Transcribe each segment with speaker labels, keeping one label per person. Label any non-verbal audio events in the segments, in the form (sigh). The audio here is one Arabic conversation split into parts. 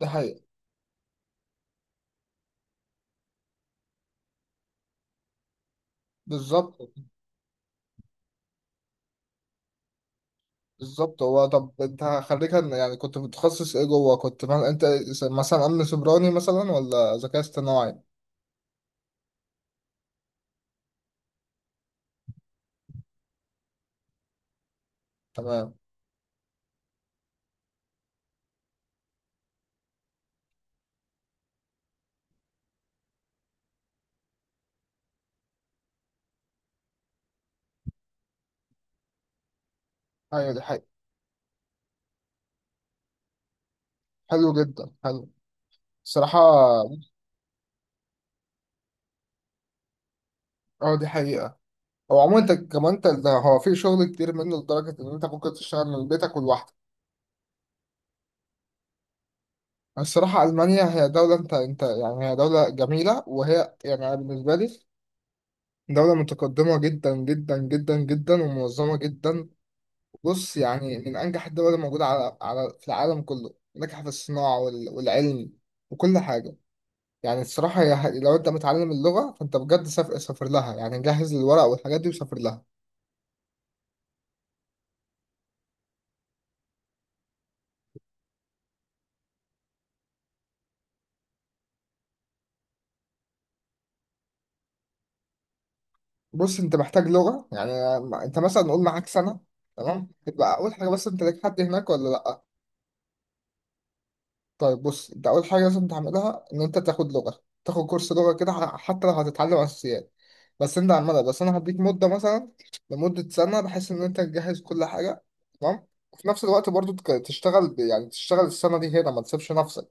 Speaker 1: ده حقيقي. بالظبط، بالظبط. هو طب انت خريجها، يعني كنت متخصص ايه جوه؟ كنت فاهم انت مثلا امن سيبراني مثلا ولا ذكاء اصطناعي؟ تمام. ايوه دي حقيقة. حلو جدا، حلو الصراحة. اه دي حقيقة. هو عموما انت كمان، انت ده هو في شغل كتير منه لدرجة ان انت ممكن تشتغل من بيتك ولوحدك. الصراحة ألمانيا هي دولة، انت يعني هي دولة جميلة، وهي يعني أنا بالنسبة لي دولة متقدمة جدا جدا جدا جدا ومنظمة جدا. بص، يعني من أنجح الدول الموجودة على في العالم كله، ناجحة في الصناعة والعلم وكل حاجة. يعني الصراحة هي لو أنت متعلم اللغة فأنت بجد سافر، سافر لها. يعني جهز الورق والحاجات دي وسافر لها. بص أنت محتاج لغة، يعني أنت مثلا نقول معاك سنة، تمام؟ تبقى أول حاجة، بس أنت ليك حد هناك ولا لأ؟ طيب بص، انت اول حاجه لازم تعملها ان انت تاخد لغه، تاخد كورس لغه كده. حتى لو هتتعلم اساسيات، بس انت على المدى، انا هديك مده مثلا لمده سنه بحيث ان انت تجهز كل حاجه. تمام؟ وفي نفس الوقت برضو تشتغل، يعني تشتغل السنه دي هنا، ما تسيبش نفسك.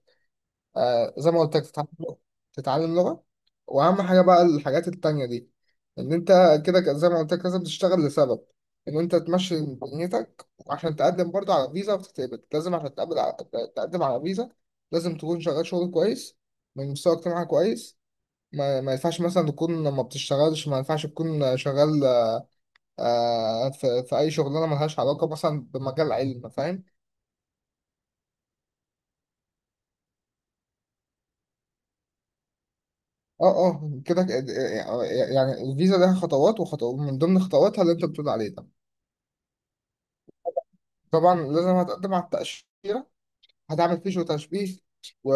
Speaker 1: آه زي ما قلت لك، تتعلم لغة، تتعلم لغة. وأهم حاجة بقى الحاجات التانية دي، إن أنت كده، زي ما قلت لك لازم تشتغل لسبب إن أنت تمشي دنيتك، وعشان تقدم برضه على فيزا وتتقبل. لازم عشان تقبل على... تقدم على فيزا، لازم تكون شغال شغل كويس، من مستوى اجتماعي كويس. ما ينفعش مثلا تكون ما بتشتغلش، ما ينفعش تكون شغال في أي شغلانة ملهاش علاقة مثلا بمجال علم، فاهم؟ اه اه، كده، يعني الفيزا لها خطوات، وخطوات من ضمن خطواتها اللي انت بتقول عليه ده. طبعا لازم هتقدم على التأشيرة، هتعمل فيزيو تشبيه، و...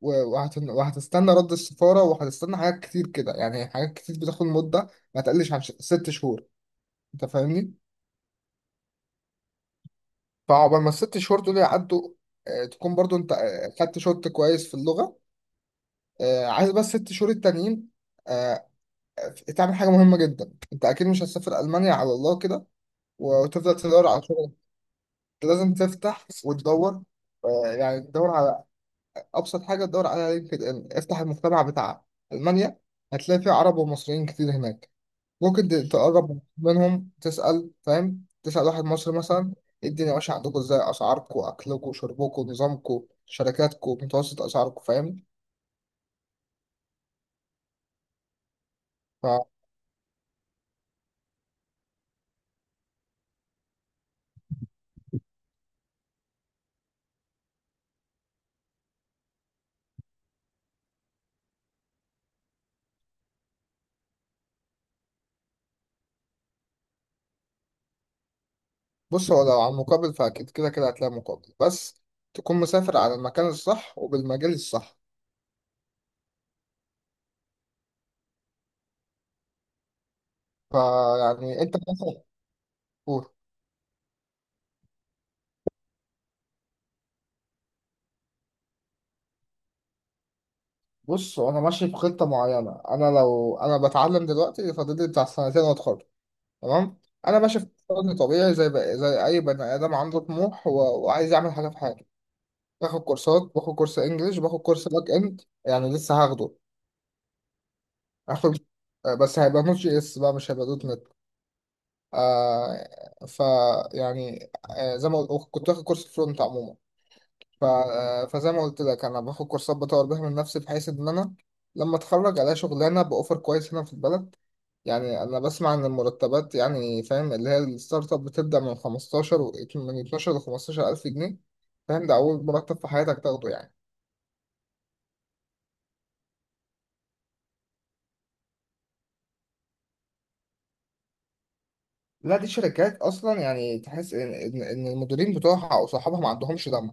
Speaker 1: وهتستنى رد السفارة، وهتستنى حاجات كتير كده. يعني حاجات كتير بتاخد مدة ما تقلش عن ست شهور، انت فاهمني؟ فعقبال ما الست شهور دول يعدوا، تكون برضو انت خدت شوط كويس في اللغة. عايز بس ست شهور التانيين آه، تعمل حاجة مهمة جدا. انت اكيد مش هتسافر ألمانيا على الله كده وتفضل تدور على شغل. انت لازم تفتح وتدور، يعني تدور على ابسط حاجه، تدور على لينكد ان، افتح المجتمع بتاع المانيا، هتلاقي فيه عرب ومصريين كتير هناك. ممكن تقرب منهم تسال، فاهم؟ تسال واحد مصري مثلا، إيه الدنيا ماشيه عندكم؟ ازاي اسعاركم، اكلكم، شربكم، نظامكم، شركاتكم، متوسط اسعاركم، فاهم؟ فبص، هو لو على المقابل، فاكيد كده كده هتلاقي مقابل، بس تكون مسافر على المكان الصح وبالمجال الصح. فيعني انت مثلا... بص، هو انا ماشي في خطه معينه. انا لو انا بتعلم دلوقتي، فاضل لي بتاع سنتين واتخرج، تمام؟ انا ماشي في وضع طبيعي زي بقى زي اي بني ادم، عنده طموح وعايز يعمل حاجه في حياته. باخد كورسات، باخد كورس انجليش، باخد كورس باك اند يعني لسه هاخده. هاخد بس هيبقى نوت جي اس بقى، مش هيبقى دوت نت. آه ف يعني آه زي ما قلت كنت واخد كورس فرونت عموما. ف... آه فزي ما قلت لك انا باخد كورسات بطور بيها من نفسي، بحيث ان انا لما اتخرج الاقي شغلانه باوفر كويس هنا في البلد. يعني انا بسمع ان المرتبات يعني فاهم، اللي هي الستارت اب بتبدا من 15 من 12 ل 15 الف جنيه، فاهم؟ ده اول مرتب في حياتك تاخده يعني. لا دي شركات اصلا يعني تحس ان إن المديرين بتوعها او صحابها ما عندهمش دم،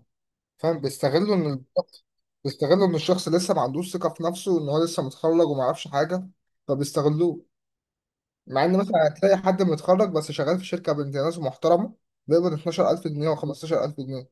Speaker 1: فاهم؟ (laughs) بيستغلوا ان الشخص لسه ما عندوش ثقه في نفسه، ان هو لسه متخرج وما يعرفش حاجه، فبيستغلوه. مع ان مثلا هتلاقي حد متخرج بس شغال في شركه بنت ناس محترمه، بيقبض 12000 جنيه و15000 جنيه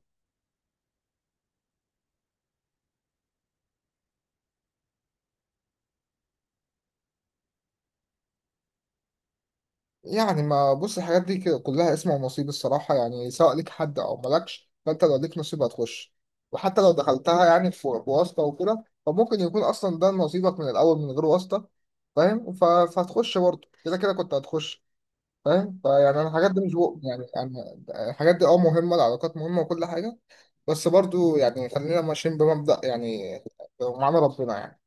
Speaker 1: يعني. ما بص، الحاجات دي كده كلها اسم ونصيب الصراحة. يعني سواء ليك حد أو مالكش، فأنت لو ليك نصيب هتخش. وحتى لو دخلتها يعني في بواسطة وكده، فممكن يكون أصلا ده نصيبك من الأول من غير واسطة، فاهم؟ فهتخش برضه، كده كده كنت هتخش، فاهم؟ فيعني أنا الحاجات دي مش بق... يعني يعني الحاجات دي أه مهمة، العلاقات مهمة وكل حاجة. بس برضه يعني خلينا ماشيين بمبدأ يعني، معانا ربنا يعني.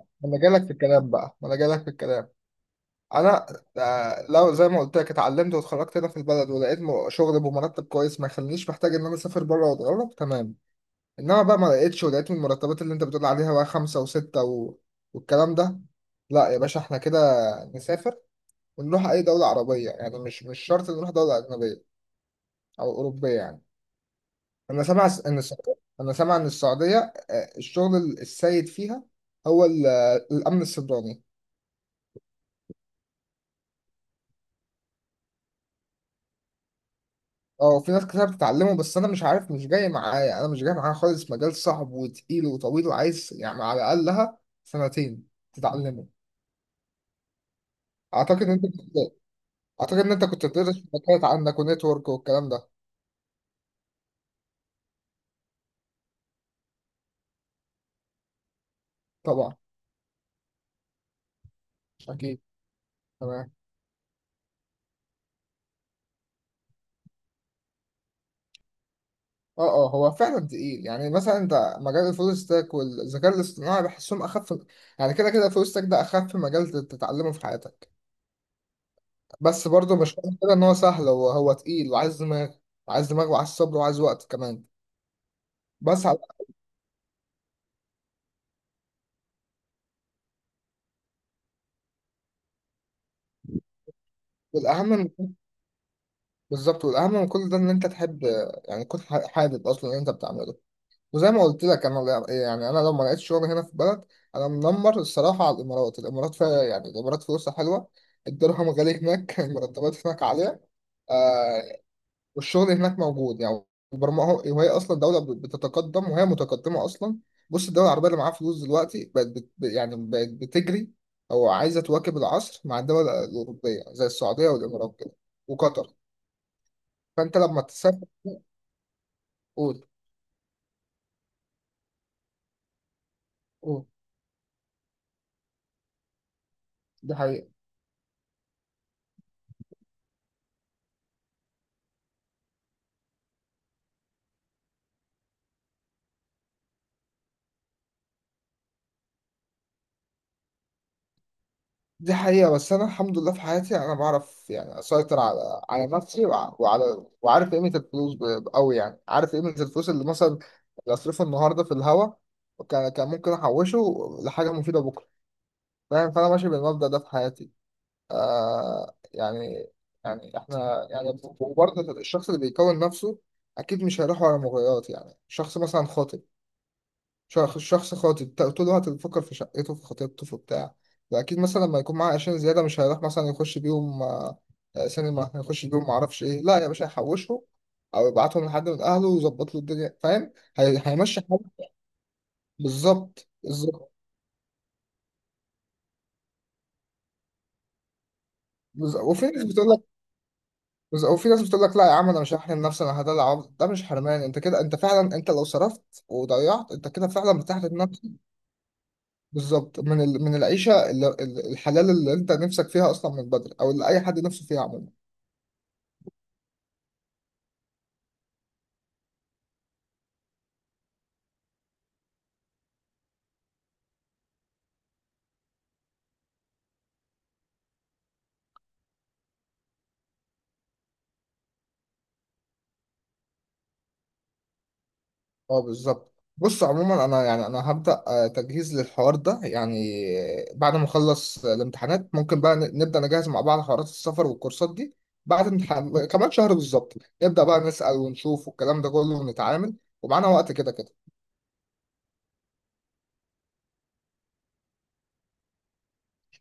Speaker 1: ما أنا جالك في الكلام بقى، ما أنا جالك في الكلام. انا آه، لو زي ما قلت لك اتعلمت واتخرجت هنا في البلد، ولقيت شغل بمرتب كويس ما يخلينيش محتاج ان انا اسافر بره واتغرب، تمام. انما بقى ما لقيتش، ولقيت من المرتبات اللي انت بتقول عليها بقى خمسة وستة والكلام ده، لا يا باشا احنا كده نسافر، ونروح اي دولة عربية. يعني مش مش شرط نروح دولة اجنبية او اوروبية يعني. انا سامع س- ان السعودية انا سامع ان السعودية الشغل السيد فيها هو الامن السيبراني. اه في ناس كتير بتتعلمه، بس انا مش عارف، مش جاي معايا، انا مش جاي معايا خالص. مجال صعب وتقيل وطويل، وعايز يعني على الاقلها سنتين تتعلمه. اعتقد ان انت كنت اعتقد ان انت كنت بتدرس شبكات عندك ونتورك والكلام ده. طبعا، اكيد، تمام. اه اه، هو فعلا تقيل. يعني مثلا انت، مجال الفول ستاك والذكاء الاصطناعي، بحسهم اخف. يعني كده كده الفول ستاك ده اخف مجال تتعلمه في حياتك. بس برضه مش معنى كده ان هو سهل، هو تقيل وعايز دماغ، وعايز دماغ وعايز صبر وعايز وقت كمان. بس على والأهم من... بالظبط، والاهم من كل ده ان انت تحب، يعني تكون حابب اصلا اللي انت بتعمله. وزي ما قلت لك انا، يعني انا لو ما لقيتش شغل هنا في البلد، انا منمر الصراحه على الامارات. الامارات فيها يعني، الامارات فلوسها حلوه، الدرهم غالي هناك (laughs) المرتبات هناك عاليه آه، والشغل هناك موجود يعني، البرمجه. وهي اصلا دوله بتتقدم، وهي متقدمه اصلا. بص الدول العربيه اللي معاها فلوس دلوقتي بقت يعني بقت بتجري او عايزه تواكب العصر مع الدول الاوروبيه، زي السعوديه والامارات كده وقطر. فانت لما تسافر... قول، قول. دي حقيقة. دي حقيقة، بس أنا الحمد لله في حياتي أنا بعرف يعني أسيطر على نفسي، وع- وعلى وعارف قيمة الفلوس أوي، يعني عارف قيمة الفلوس اللي مثلا اللي أصرفها النهاردة في الهوا، كان كان ممكن أحوشه لحاجة مفيدة بكرة، فاهم؟ فأنا ماشي بالمبدأ ده في حياتي آه. إحنا يعني، وبرضه الشخص اللي بيكون نفسه أكيد مش هيروح ورا مغريات. يعني شخص مثلا خاطب، شخص خاطب، طول الوقت بيفكر في شقته، في خطيبته، في بتاع. فأكيد مثلا لما يكون معاه عشان زيادة، مش هيروح مثلا يخش بيهم سينما، هيخش بيهم معرفش إيه. لا يا باشا هيحوشهم، أو يبعتهم لحد من أهله ويظبط له الدنيا، فاهم؟ هيمشي حاله. بالظبط، بالظبط. بز- وفي ناس بتقول لك وفي ناس بتقول لك لا يا عم، انا مش هحرم نفسي، انا هدلع عمري. ده مش حرمان، انت كده انت فعلا، انت لو صرفت وضيعت انت كده فعلا بتحرم نفسك. بالظبط، من العيشه الحلال اللي انت نفسك فيها اصلا من بدري، او اللي اي حد نفسه فيها عموما. اه بالظبط. بص عموما انا يعني انا هبدا تجهيز للحوار ده يعني. بعد ما اخلص الامتحانات، ممكن بقى نبدا نجهز مع بعض حوارات السفر والكورسات دي، بعد امتحان كمان شهر بالظبط. نبدا بقى نسال ونشوف والكلام ده كله ونتعامل، ومعانا وقت كده كده.